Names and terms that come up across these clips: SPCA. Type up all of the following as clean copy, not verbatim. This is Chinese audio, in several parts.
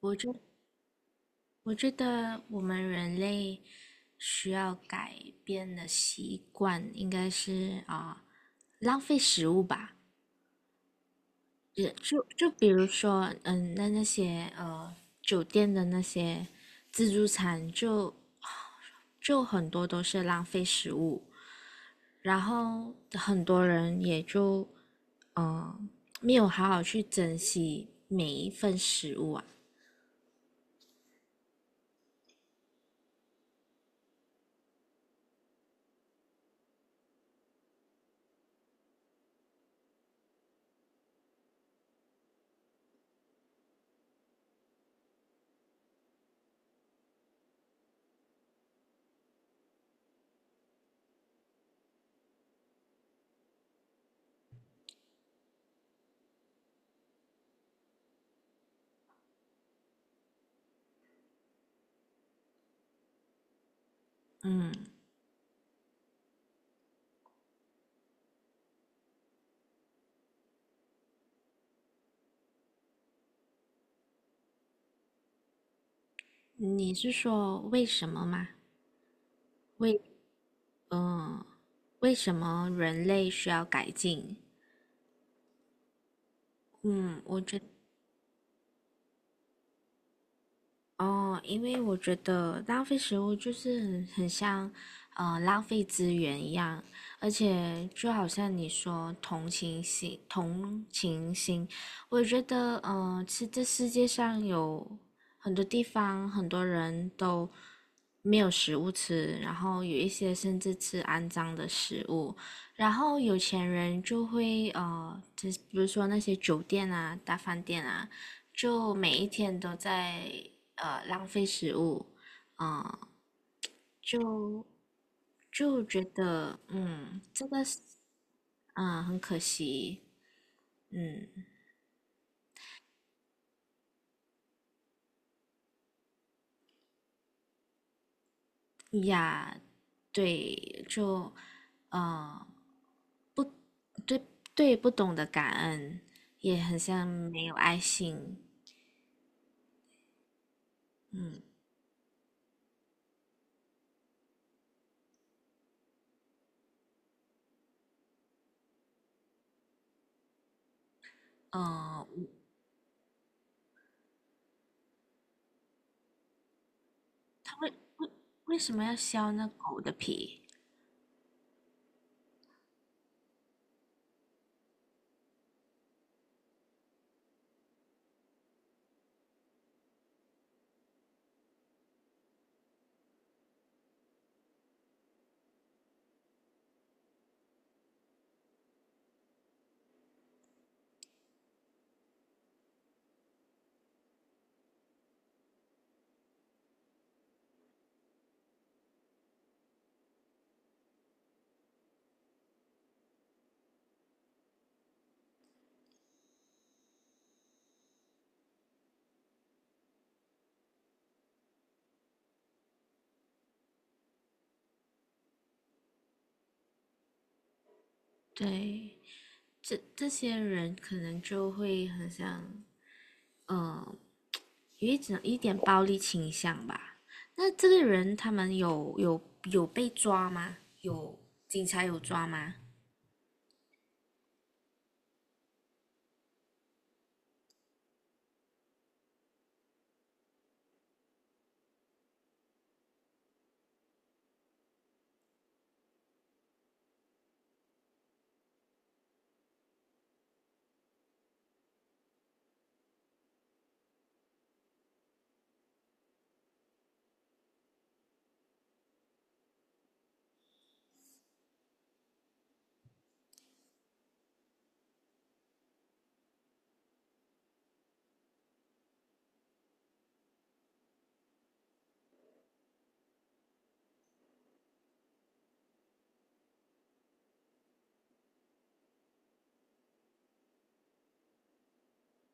我觉我觉得我们人类需要改变的习惯应该是浪费食物吧。也就就比如说，那些酒店的那些自助餐就很多都是浪费食物，然后很多人也就嗯、呃没有好好去珍惜每一份食物啊。嗯，你是说为什么吗？为嗯，为什么人类需要改进？嗯，我觉哦，因为我觉得浪费食物就是很像，浪费资源一样，而且就好像你说同情心，同情心，我觉得，是这世界上有很多地方，很多人都没有食物吃，然后有一些甚至吃肮脏的食物，然后有钱人就会，就是比如说那些酒店啊、大饭店啊。就每一天都在浪费食物，就就觉得嗯，嗯很可惜，嗯呀，对，呃对对不懂得感恩，也很像没有爱心，嗯呃，他为为什么要削那狗的皮？对，这这些人可能就会很像嗯。呃有一点暴力倾向吧。那这个人他们有被抓吗？有警察有抓吗？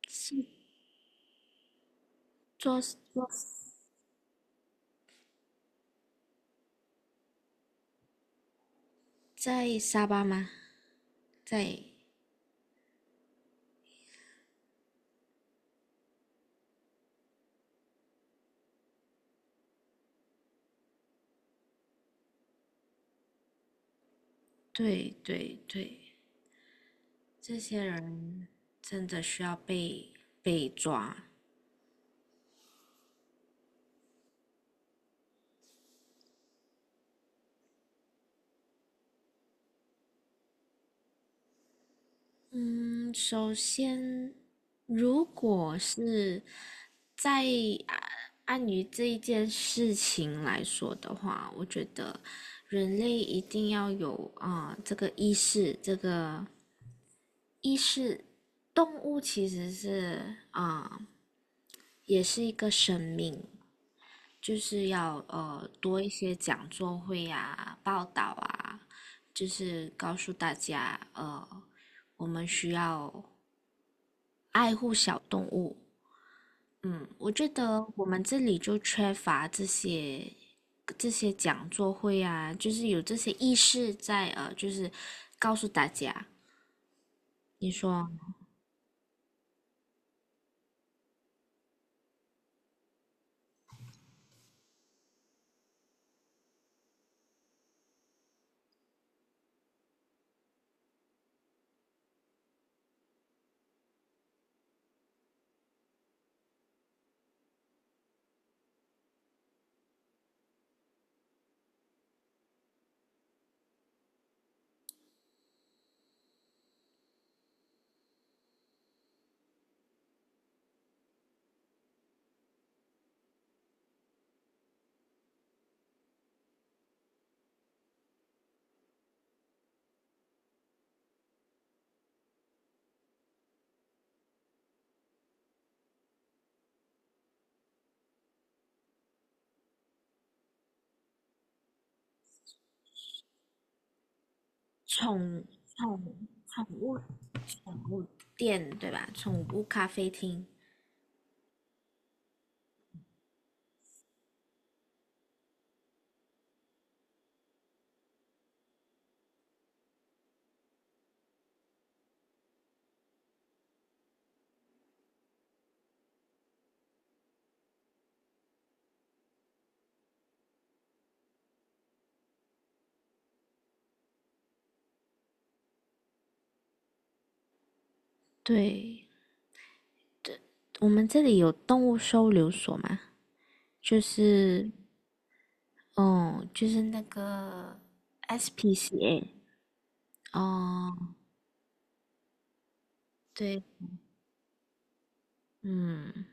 是抓抓在沙巴吗？在对对对，这些人真的需要被抓。嗯，首先，如果是在啊按于这一件事情来说的话，我觉得人类一定要有这个意识，这个意识。动物其实是也是一个生命，就是要多一些讲座会啊、报道啊，就是告诉大家我们需要爱护小动物，嗯，我觉得我们这里就缺乏这些讲座会啊，就是有这些意识在，就是告诉大家，你说宠宠宠物店对吧？宠物咖啡厅，对，我们这里有动物收留所嘛，就是哦，就是那个 SPCA。 哦，对，嗯，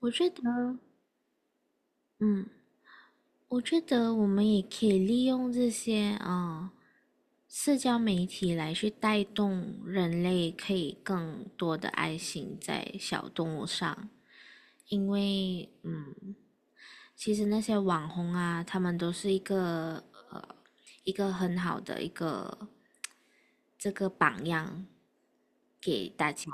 我觉得，嗯，我觉得我们也可以利用这些社交媒体来去带动人类可以更多的爱心在小动物上，因为嗯，其实那些网红啊，他们都是一个呃一个很好的一个这个榜样给大家。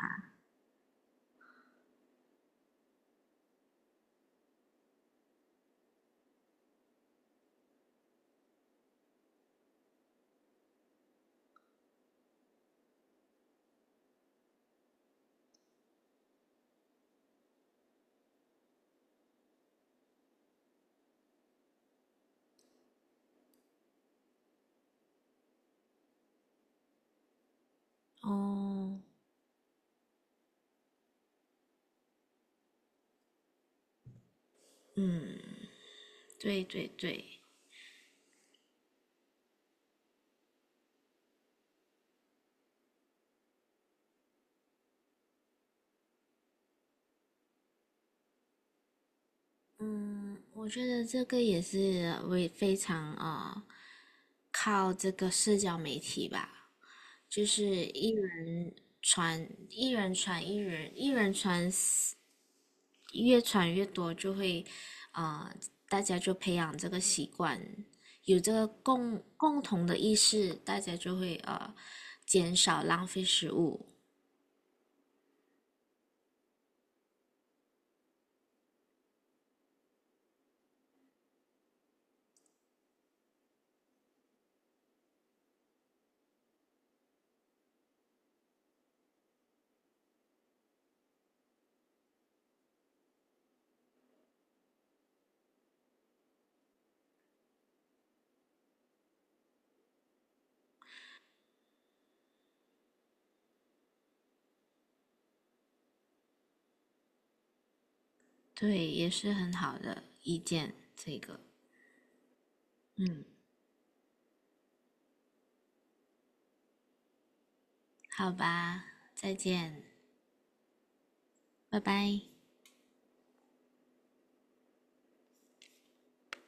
哦，嗯，对对对。嗯，我觉得这个也是为非常靠这个社交媒体吧，就是一人，一人传十越传越多，就会啊、呃大家就培养这个习惯，有这个共同的意识，大家就会减少浪费食物，对，也是很好的意见，这个，嗯，好吧，再见，拜拜。